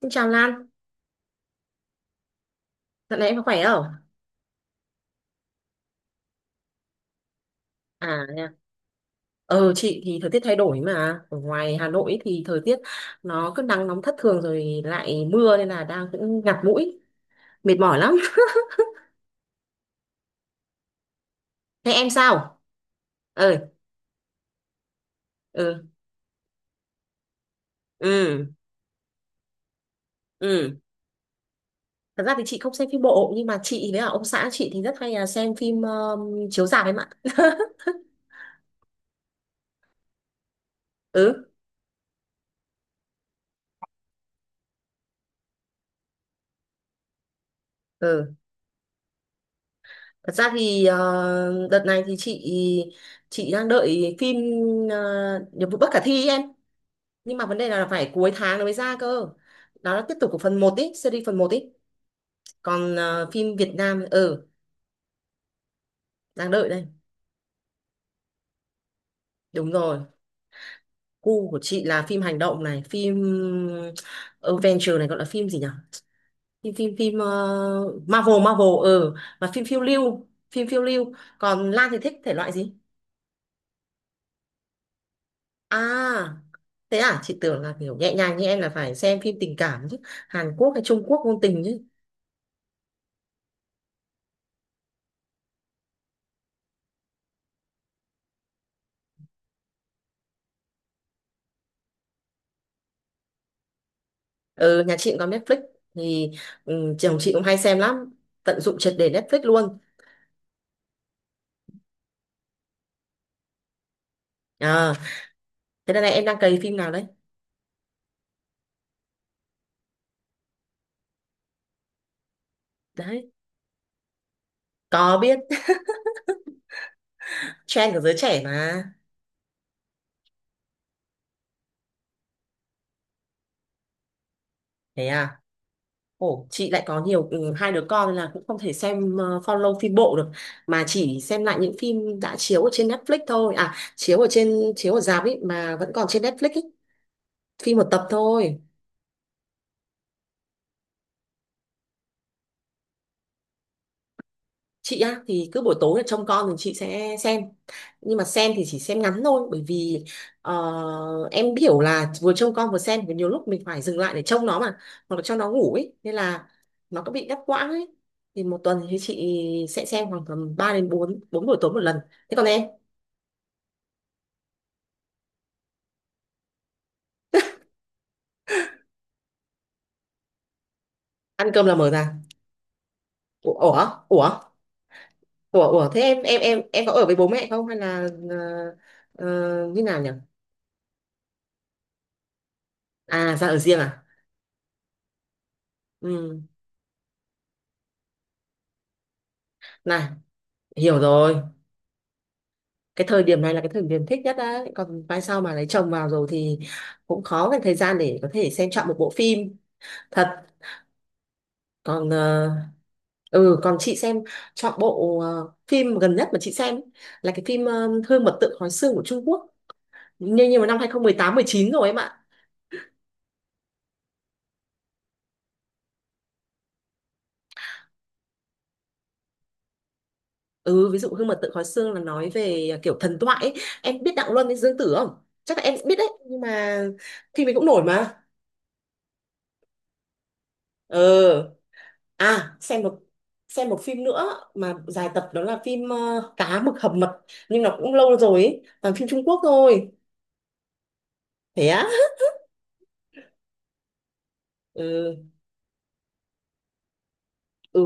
Xin chào Lan, dạo này em có khỏe không? À, nha. Chị thì thời tiết thay đổi mà ở ngoài Hà Nội thì thời tiết nó cứ nắng nóng thất thường rồi lại mưa nên là đang cũng ngạt mũi mệt mỏi lắm. Thế em sao? Ờ, ừ, ừ, ừ. Thật ra thì chị không xem phim bộ nhưng mà chị với cả ông xã chị thì rất hay là xem phim chiếu rạp em ạ. Ừ, ừ, thật ra thì đợt này thì chị đang đợi phim, ờ, Nhiệm vụ bất khả thi ấy em, nhưng mà vấn đề là phải cuối tháng nó mới ra cơ. Đó là tiếp tục của phần một ý, series phần một ý. Còn phim Việt Nam, ừ, đang đợi đây. Đúng rồi, gu của chị là phim hành động này, phim ờ, adventure này, gọi là phim gì nhỉ, phim phim phim ờ, Marvel, Marvel, ừ, và phim phiêu lưu, phim phiêu lưu. Còn Lan thì thích thể loại gì? À thế à, chị tưởng là kiểu nhẹ nhàng như em là phải xem phim tình cảm chứ, Hàn Quốc hay Trung Quốc ngôn tình chứ. Ừ, nhà chị cũng có Netflix thì, ừ, chồng chị cũng hay xem lắm, tận dụng triệt để Netflix luôn. À, thế đây này em đang cày phim nào đấy? Đấy, có biết. Trend của giới trẻ mà. Thế à? Ồ, chị lại có nhiều, ừ, 2 đứa con nên là cũng không thể xem, follow phim bộ được, mà chỉ xem lại những phim đã chiếu ở trên Netflix thôi. À, chiếu ở trên, chiếu ở rạp ấy mà vẫn còn trên Netflix ấy, phim một tập thôi. Chị á thì cứ buổi tối là trông con thì chị sẽ xem, nhưng mà xem thì chỉ xem ngắn thôi bởi vì ờ, em hiểu là vừa trông con vừa xem thì nhiều lúc mình phải dừng lại để trông nó mà, hoặc là cho nó ngủ ấy, nên là nó có bị đứt quãng ấy. Thì một tuần thì chị sẽ xem khoảng tầm 3 đến 4 bốn buổi tối một lần. Thế còn em? Ăn cơm là mở ra. Ủa ủa ủa ủa ủa? Thế em có ở với bố mẹ không hay là ờ, như nào nhỉ? À ra ở riêng à? Ừ này, hiểu rồi. Cái thời điểm này là cái thời điểm thích nhất đấy, còn mai sau mà lấy chồng vào rồi thì cũng khó cái thời gian để có thể xem trọn một bộ phim thật. Còn ừ, còn chị xem, chọn bộ phim gần nhất mà chị xem ấy, là cái phim Hương mật tượng khói xương của Trung Quốc, nhưng mà năm 2018 19 rồi em ạ. Ừ, ví dụ Hương mật tượng khói xương là nói về kiểu thần thoại ấy. Em biết Đặng Luân với Dương Tử không? Chắc là em biết đấy, nhưng mà phim ấy cũng nổi mà. Ờ, à, xem một, xem một phim nữa mà dài tập, đó là phim Cá mực hầm mật, nhưng nó cũng lâu rồi ấy, toàn phim Trung Quốc thôi. Thế á? Ừ, ừ,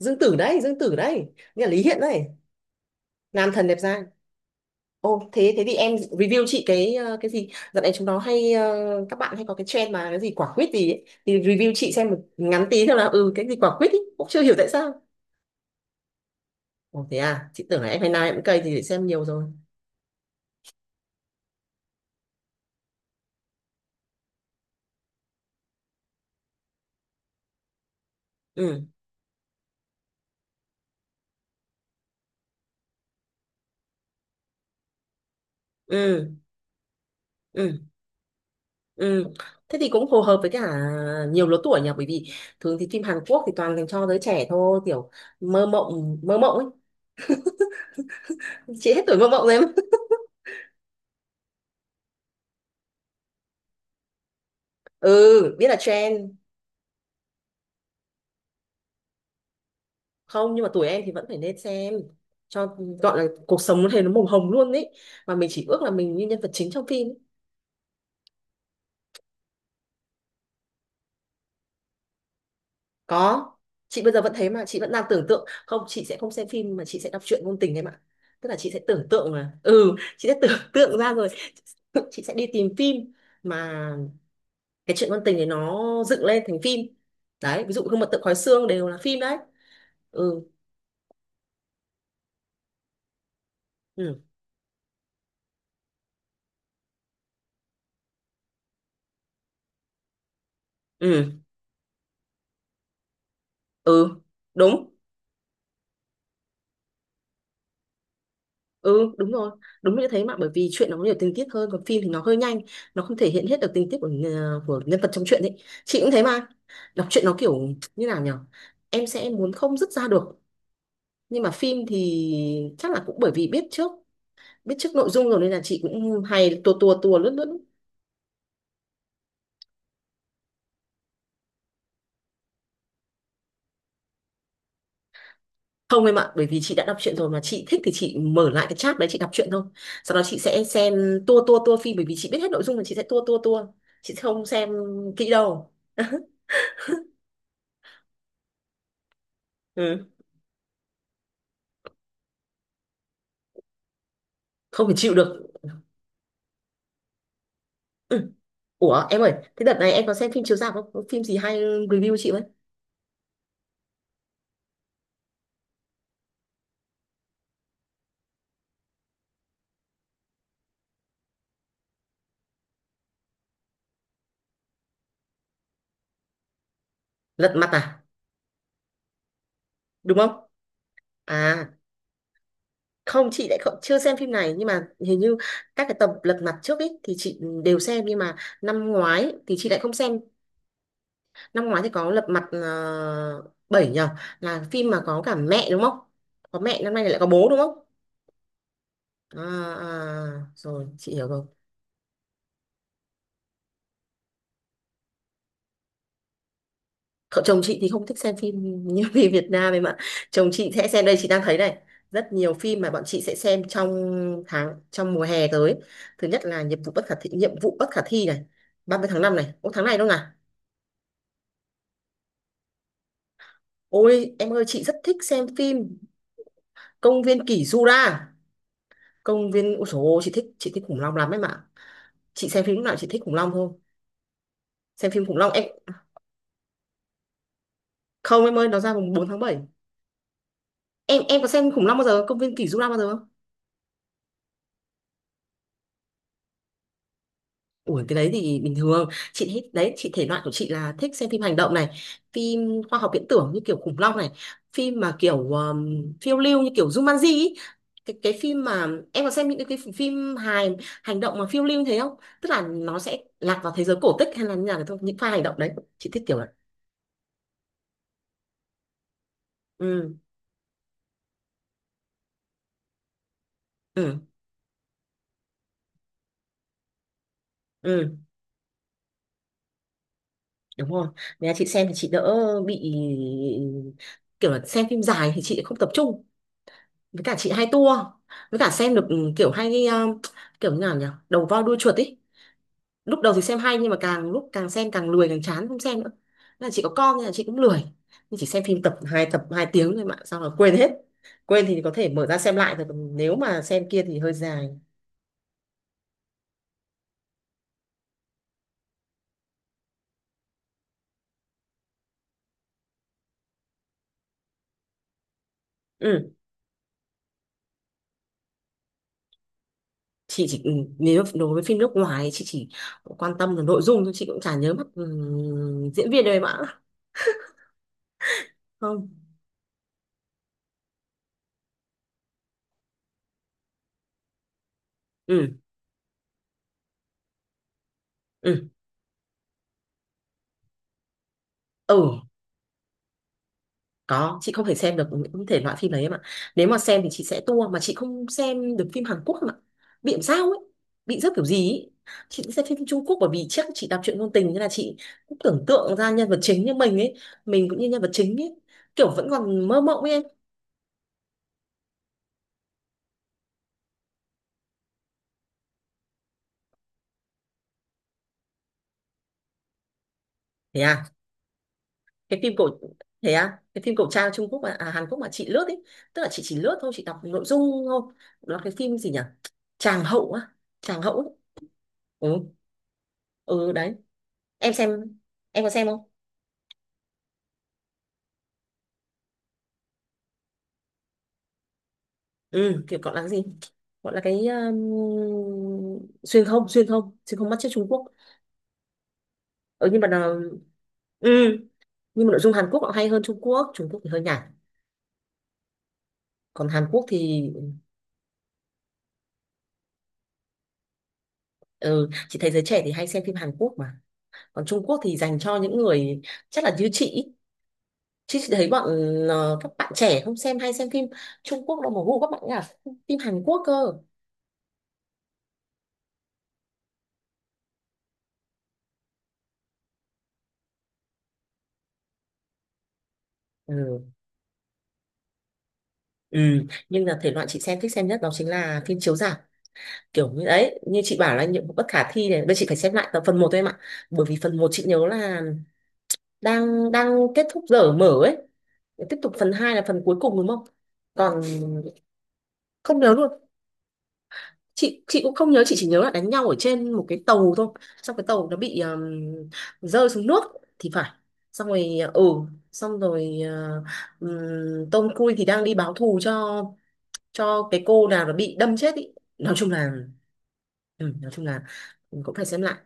Dương Tử đấy, như là Lý Hiện đấy, nam thần đẹp trai. Ô thế thế thì em review chị cái, cái gì? Dạo này chúng nó hay, các bạn hay có cái trend mà cái gì quả quýt gì ấy. Thì review chị xem một ngắn tí thôi, là ừ cái gì quả quýt ấy, cũng chưa hiểu tại sao. Ồ thế à, chị tưởng là em hay nào em cũng cày thì để xem nhiều rồi. Ừ, ừ, ừ. Ừ. Thế thì cũng phù hợp với cả nhiều lứa tuổi nhỉ, bởi vì thường thì phim Hàn Quốc thì toàn dành cho giới trẻ thôi, kiểu mơ mộng ấy. Chị hết tuổi mơ mộng rồi em. Ừ biết là trend, không nhưng mà tuổi em thì vẫn phải nên xem cho, gọi là cuộc sống nó thấy nó màu hồng luôn ấy, mà mình chỉ ước là mình như nhân vật chính trong phim ấy. Có, chị bây giờ vẫn thế mà, chị vẫn đang tưởng tượng không, chị sẽ không xem phim mà chị sẽ đọc truyện ngôn tình em ạ. Tức là chị sẽ tưởng tượng là ừ, chị sẽ tưởng tượng ra rồi. Chị sẽ đi tìm phim mà cái chuyện ngôn tình này nó dựng lên thành phim. Đấy, ví dụ gương mật tượng khói xương đều là phim đấy. Ừ, ừ, ừ, ừ, đúng, ừ đúng rồi, đúng như thế mà, bởi vì chuyện nó có nhiều tình tiết hơn, còn phim thì nó hơi nhanh, nó không thể hiện hết được tình tiết của của nhân vật trong chuyện ấy. Chị cũng thế mà, đọc truyện nó kiểu, như nào nhở, em sẽ muốn không dứt ra được. Nhưng mà phim thì chắc là cũng bởi vì biết trước, biết trước nội dung rồi, nên là chị cũng hay tua tua tua, lướt lướt. Không em ạ, bởi vì chị đã đọc truyện rồi mà chị thích thì chị mở lại cái chat đấy chị đọc truyện thôi. Sau đó chị sẽ xem, tua tua tua phim, bởi vì chị biết hết nội dung mà, chị sẽ tua tua tua. Chị sẽ không xem kỹ đâu. Ừ. Không phải, chịu được. Ừ. Ủa em ơi, thế đợt này em có xem phim chiếu rạp không? Có phim gì hay review chị với? Lật mặt à? Đúng không? À, không chị lại không, chưa xem phim này, nhưng mà hình như các cái tập Lật Mặt trước ấy thì chị đều xem, nhưng mà năm ngoái thì chị lại không xem. Năm ngoái thì có Lật Mặt 7 nhờ, là phim mà có cả mẹ đúng không? Có mẹ, năm nay lại có bố đúng không? À, à, rồi chị hiểu rồi. Cậu chồng chị thì không thích xem phim như phim Việt Nam ấy mà. Chồng chị sẽ xem, đây chị đang thấy này, rất nhiều phim mà bọn chị sẽ xem trong tháng, trong mùa hè tới. Thứ nhất là Nhiệm vụ bất khả thi, Nhiệm vụ bất khả thi này, 30 tháng 5 này, ô tháng này đâu nào. Ôi em ơi, chị rất thích xem phim Công viên kỷ Jura. Công viên, ôi dồi ôi, chị thích, chị thích khủng long lắm ấy mà. Chị xem phim lúc nào chị thích khủng long thôi, xem phim khủng long em. Không em ơi, nó ra mùng 4 tháng 7. Em có xem khủng long bao giờ, Công viên kỷ Jura bao giờ không? Ủa cái đấy thì bình thường chị thích đấy, chị thể loại của chị là thích xem phim hành động này, phim khoa học viễn tưởng như kiểu khủng long này, phim mà kiểu phiêu lưu như kiểu Jumanji ý. Cái phim mà, em có xem những cái phim hài hành động mà phiêu lưu như thế không? Tức là nó sẽ lạc vào thế giới cổ tích hay là như nào đấy, thôi những pha hành động đấy chị thích kiểu vậy. Ừ, ừ, ừ, đúng rồi. Nếu chị xem thì chị đỡ bị, kiểu là xem phim dài thì chị không tập trung, với cả chị hay tua, với cả xem được, ừ, kiểu hay kiểu như nào nhỉ, đầu voi đuôi chuột ý. Lúc đầu thì xem hay, nhưng mà càng lúc càng xem càng lười, càng chán không xem nữa. Nên là chị có con nên là chị cũng lười, nhưng chỉ xem phim tập hai tập, 2 tiếng thôi mà, xong là quên hết. Quên thì có thể mở ra xem lại thôi, còn nếu mà xem kia thì hơi dài. Ừ, chị chỉ, ừ, nếu đối với phim nước ngoài chị chỉ quan tâm là nội dung thôi, chị cũng chả nhớ mất, ừ, diễn viên đâu em ạ. Không. Ừ, ừ, ừ. Có, chị không thể xem được những thể loại phim đấy em ạ. Nếu mà xem thì chị sẽ tua, mà chị không xem được phim Hàn Quốc em ạ, bị làm sao ấy, bị rớt kiểu gì ấy. Chị cũng xem phim Trung Quốc, bởi vì chắc chị đọc truyện ngôn tình, nên là chị cũng tưởng tượng ra nhân vật chính như mình ấy, mình cũng như nhân vật chính ấy, kiểu vẫn còn mơ mộng ấy em. Thế à, cái phim cổ, thế à cái phim cổ trang Trung Quốc mà à, Hàn Quốc mà chị lướt ấy, tức là chị chỉ lướt thôi, chị đọc nội dung thôi. Nó cái phim gì nhỉ, Tràng hậu á, Tràng hậu ấy. Ừ, ừ đấy. Em xem, em có xem không? Ừ kiểu gọi là gì, gọi là cái, xuyên không xuyên không, xuyên không bắt chước Trung Quốc. Ừ, nhưng mà ừ, nhưng mà nội dung Hàn Quốc họ hay hơn Trung Quốc. Trung Quốc thì hơi nhạt, còn Hàn Quốc thì, ừ, chị thấy giới trẻ thì hay xem phim Hàn Quốc mà, còn Trung Quốc thì dành cho những người, chắc là như chị ý. Chứ chị thấy bọn các bạn trẻ không xem, hay xem phim Trung Quốc đâu, mà gu các bạn ấy là phim Hàn Quốc cơ. Ừ. Ừ, nhưng là thể loại chị xem, thích xem nhất đó chính là phim chiếu rạp, kiểu như đấy như chị bảo là Nhiệm vụ bất khả thi này, bây giờ chị phải xem lại tập phần một thôi em ạ, bởi vì phần một chị nhớ là đang, đang kết thúc giờ mở ấy, tiếp tục phần hai là phần cuối cùng đúng không? Còn, không nhớ luôn. Chị cũng không nhớ, chị chỉ nhớ là đánh nhau ở trên một cái tàu thôi, xong cái tàu nó bị rơi xuống nước thì phải, xong rồi ừ, xong rồi Tom Cruise thì đang đi báo thù cho cái cô nào nó bị đâm chết ý. Nói chung là, ừ, nói chung là cũng phải xem lại.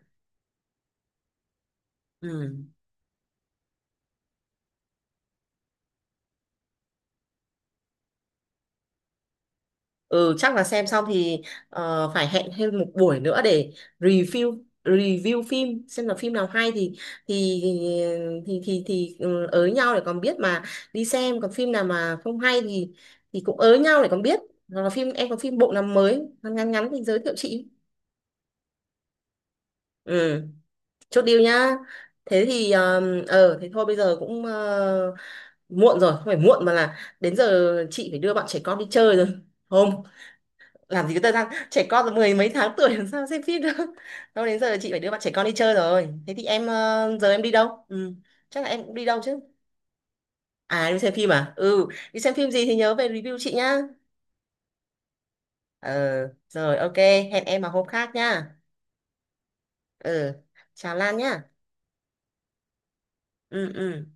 Ừ. Ừ, chắc là xem xong thì phải hẹn thêm một buổi nữa để review, review phim xem là phim nào hay thì, ừ, ới nhau để còn biết mà đi xem. Còn phim nào mà không hay thì cũng ới nhau để còn biết. Hoặc là phim, em có phim bộ nào mới ngắn ngắn ngắn thì giới thiệu chị. Ừ, chốt deal nhá. Thế thì ờ, thế thôi bây giờ cũng muộn rồi, không phải muộn mà là đến giờ chị phải đưa bạn trẻ con đi chơi rồi. Không, làm gì có thời gian, trẻ con 10 mấy tháng tuổi làm sao xem phim được. Đâu, đến giờ là chị phải đưa bạn trẻ con đi chơi rồi. Thế thì em giờ em đi đâu ừ. Chắc là em cũng đi đâu chứ. À đi xem phim à, ừ đi xem phim gì thì nhớ về review chị nhá. Ờ, rồi ok, hẹn em vào hôm khác nhá. Ừ, chào Lan nhá. Ừ, ừ.